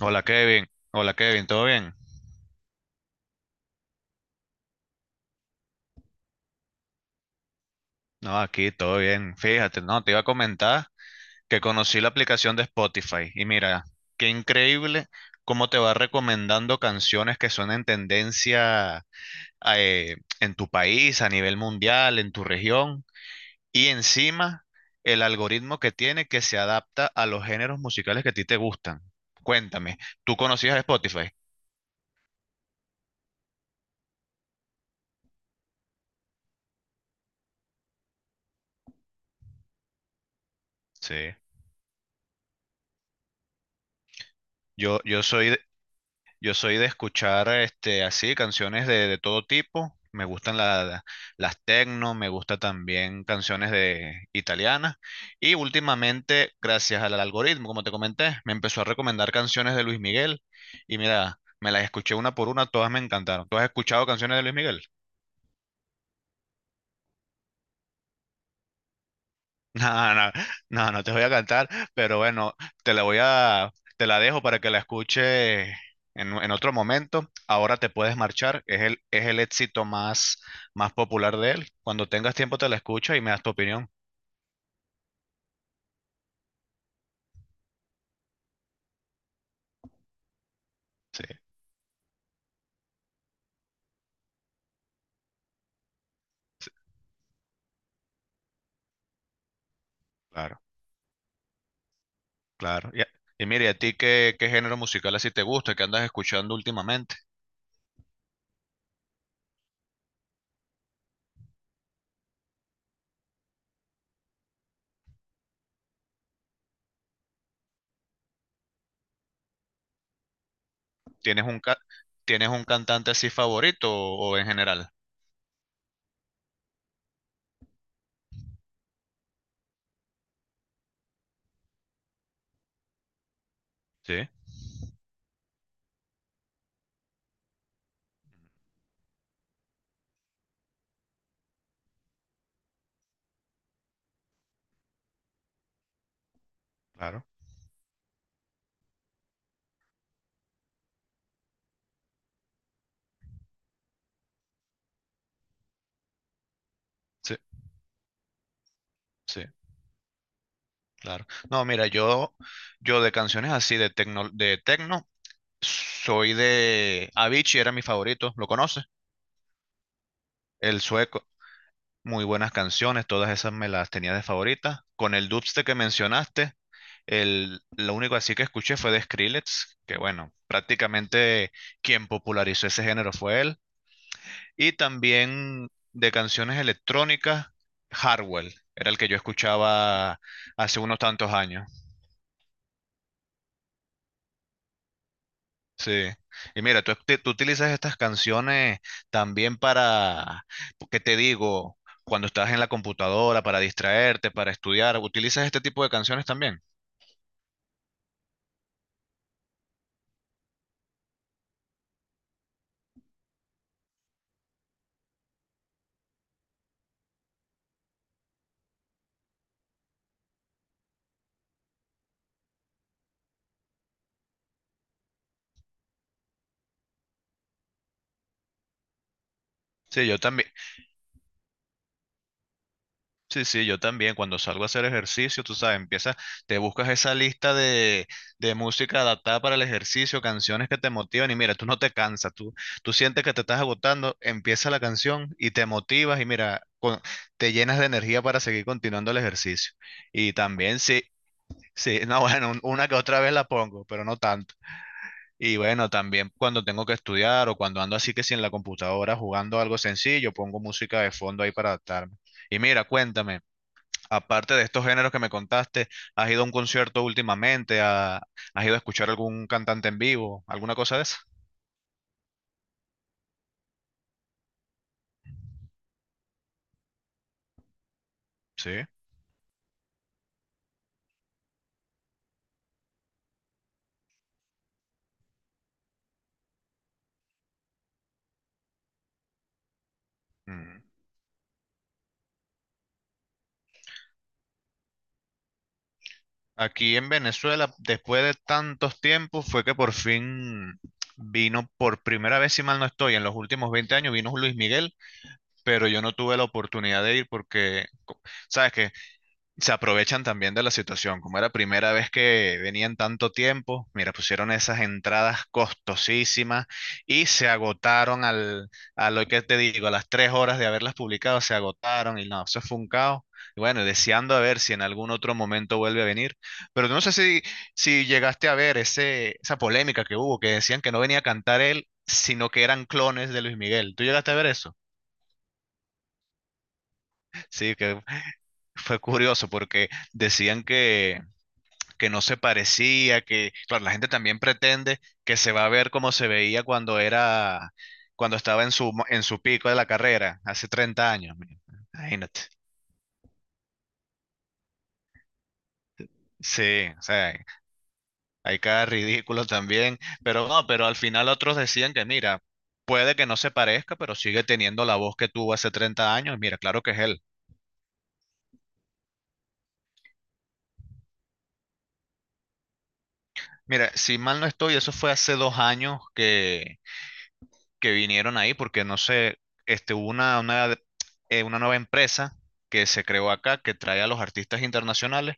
Hola Kevin, ¿todo bien? No, aquí todo bien. Fíjate, no, te iba a comentar que conocí la aplicación de Spotify y mira, qué increíble cómo te va recomendando canciones que son en tendencia en tu país, a nivel mundial, en tu región y encima el algoritmo que tiene que se adapta a los géneros musicales que a ti te gustan. Cuéntame, ¿tú conocías Spotify? Sí. Yo, yo soy, Yo soy de escuchar así canciones de todo tipo. Me gustan las techno. Me gusta también canciones de italianas. Y últimamente, gracias al algoritmo, como te comenté, me empezó a recomendar canciones de Luis Miguel. Y mira, me las escuché una por una, todas me encantaron. ¿Tú has escuchado canciones de Luis Miguel? No, no, no, no te voy a cantar, pero bueno, te la dejo para que la escuche en otro momento. Ahora te puedes marchar, es el éxito más popular de él. Cuando tengas tiempo te la escuchas y me das tu opinión. Sí, sí, claro, claro. Y mire, ¿a ti qué género musical así te gusta, qué andas escuchando últimamente? ¿Tienes un, ca- ¿Tienes un cantante así favorito o en general? Sí, claro, sí, sí. Claro. No, mira, yo de canciones así de tecno, soy de Avicii, era mi favorito, ¿lo conoces? El sueco, muy buenas canciones, todas esas me las tenía de favoritas. Con el dubstep que mencionaste, lo único así que escuché fue de Skrillex, que bueno, prácticamente quien popularizó ese género fue él. Y también de canciones electrónicas, Hardwell, era el que yo escuchaba hace unos tantos años. Sí. Y mira, tú utilizas estas canciones también para, ¿qué te digo? Cuando estás en la computadora, para distraerte, para estudiar, ¿utilizas este tipo de canciones también? Sí, yo también. Sí, sí, yo también. Cuando salgo a hacer ejercicio, tú sabes, empiezas, te buscas esa lista de música adaptada para el ejercicio, canciones que te motivan y mira, tú no te cansas, tú sientes que te estás agotando, empieza la canción y te motivas y mira, te llenas de energía para seguir continuando el ejercicio. Y también sí, Sí, no, bueno, una que otra vez la pongo, pero no tanto. Y bueno, también cuando tengo que estudiar o cuando ando así que si en la computadora jugando algo sencillo, pongo música de fondo ahí para adaptarme. Y mira, cuéntame, aparte de estos géneros que me contaste, ¿has ido a un concierto últimamente? ¿Has ido a escuchar algún cantante en vivo? ¿Alguna cosa de esa? Sí. Mm. Aquí en Venezuela, después de tantos tiempos, fue que por fin vino por primera vez, si mal no estoy, en los últimos 20 años, vino Luis Miguel pero yo no tuve la oportunidad de ir sabes que se aprovechan también de la situación. Como era primera vez que venían tanto tiempo, mira, pusieron esas entradas costosísimas y se agotaron a lo que te digo, a las tres horas de haberlas publicado, se agotaron y no, eso fue un caos. Y bueno, deseando a ver si en algún otro momento vuelve a venir. Pero no sé si llegaste a ver esa polémica que hubo, que decían que no venía a cantar él, sino que eran clones de Luis Miguel. ¿Tú llegaste a ver eso? Sí, que fue curioso porque decían que no se parecía, que, claro, la gente también pretende que se va a ver como se veía cuando era, cuando estaba en en su pico de la carrera, hace 30 años. Imagínate. Sí, o sea, hay cada ridículo también, pero no, pero al final otros decían que, mira, puede que no se parezca, pero sigue teniendo la voz que tuvo hace 30 años. Mira, claro que es él. Mira, si mal no estoy, eso fue hace dos años que vinieron ahí, porque no sé, este, hubo una nueva empresa que se creó acá, que trae a los artistas internacionales,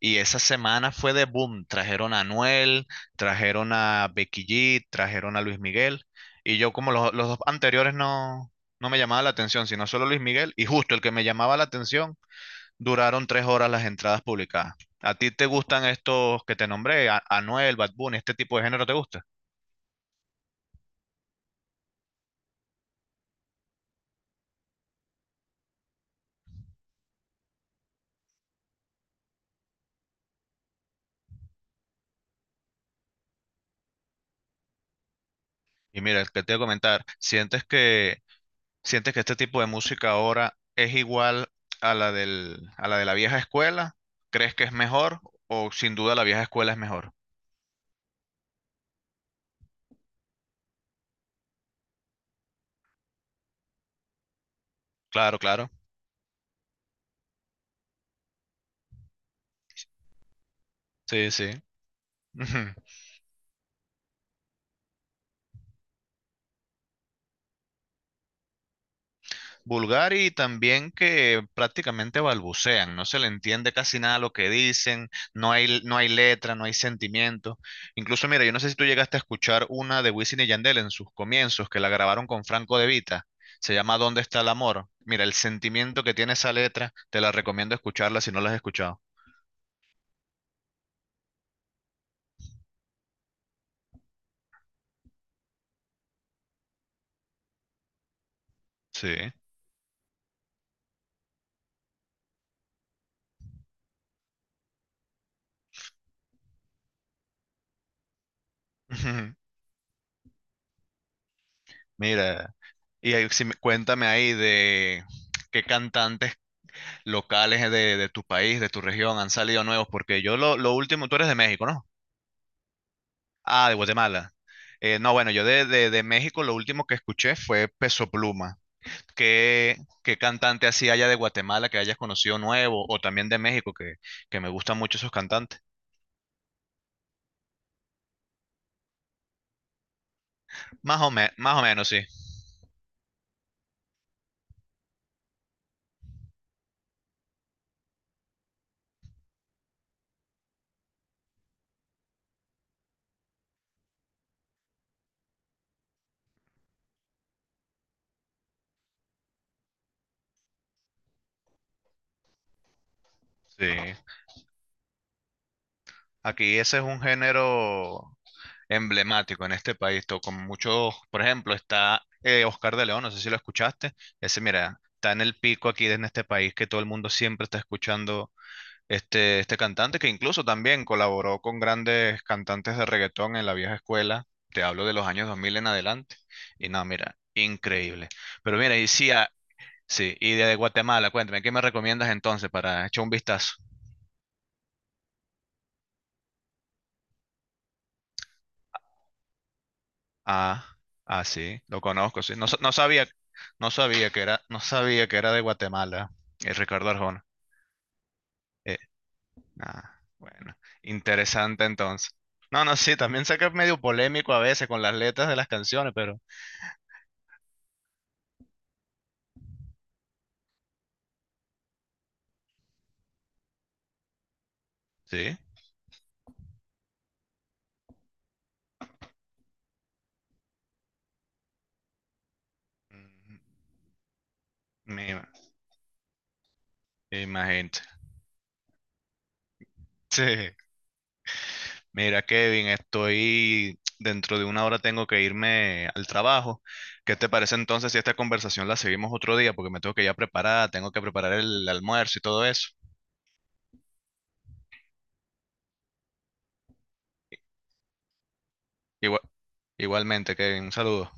y esa semana fue de boom. Trajeron a Anuel, trajeron a Becky G, trajeron a Luis Miguel, y yo como los dos anteriores no, no me llamaba la atención, sino solo Luis Miguel, y justo el que me llamaba la atención, duraron tres horas las entradas publicadas. ¿A ti te gustan estos que te nombré? ¿Anuel, Bad Bunny, este tipo de género te gusta? Y mira, que te voy a comentar, ¿sientes que este tipo de música ahora es igual a la de la vieja escuela? ¿Crees que es mejor? ¿O sin duda la vieja escuela es mejor? Claro, claro. Sí, sí. Vulgar y también que prácticamente balbucean, no se le entiende casi nada lo que dicen, no hay, no hay letra, no hay sentimiento. Incluso, mira, yo no sé si tú llegaste a escuchar una de Wisin y Yandel en sus comienzos, que la grabaron con Franco De Vita, se llama ¿Dónde está el amor? Mira, el sentimiento que tiene esa letra, te la recomiendo escucharla si no la has escuchado. Sí. Mira, y ahí sí cuéntame ahí de qué cantantes locales de tu país, de tu región, ¿han salido nuevos? Porque yo lo último, tú eres de México, ¿no? Ah, de Guatemala. No, bueno, yo de México lo último que escuché fue Peso Pluma. ¿Qué, ¿Qué cantante así haya de Guatemala que hayas conocido nuevo o también de México que me gustan mucho esos cantantes? Más más o menos, sí. Sí. Aquí ese es un género emblemático en este país, con muchos, por ejemplo, está Oscar de León, no sé si lo escuchaste, ese mira, está en el pico aquí en este país que todo el mundo siempre está escuchando este cantante que incluso también colaboró con grandes cantantes de reggaetón en la vieja escuela, te hablo de los años 2000 en adelante, y no, mira, increíble. Pero mira, y sí, ah, sí, y de Guatemala, cuéntame, ¿qué me recomiendas entonces para echar un vistazo? Ah, ah, sí, lo conozco, sí. No, no sabía, no sabía que era, no sabía que era de Guatemala, Ricardo Arjona. Eh, bueno, interesante entonces. No, no, sí, también sé que es medio polémico a veces con las letras de las canciones, pero sí. Mm, Me, ima- me imagino. Sí. Mira, Kevin, estoy dentro de una hora tengo que irme al trabajo. ¿Qué te parece entonces si esta conversación la seguimos otro día? Porque me tengo que ya preparar, tengo que preparar el almuerzo y todo eso. Igua- Igualmente, Kevin, un saludo.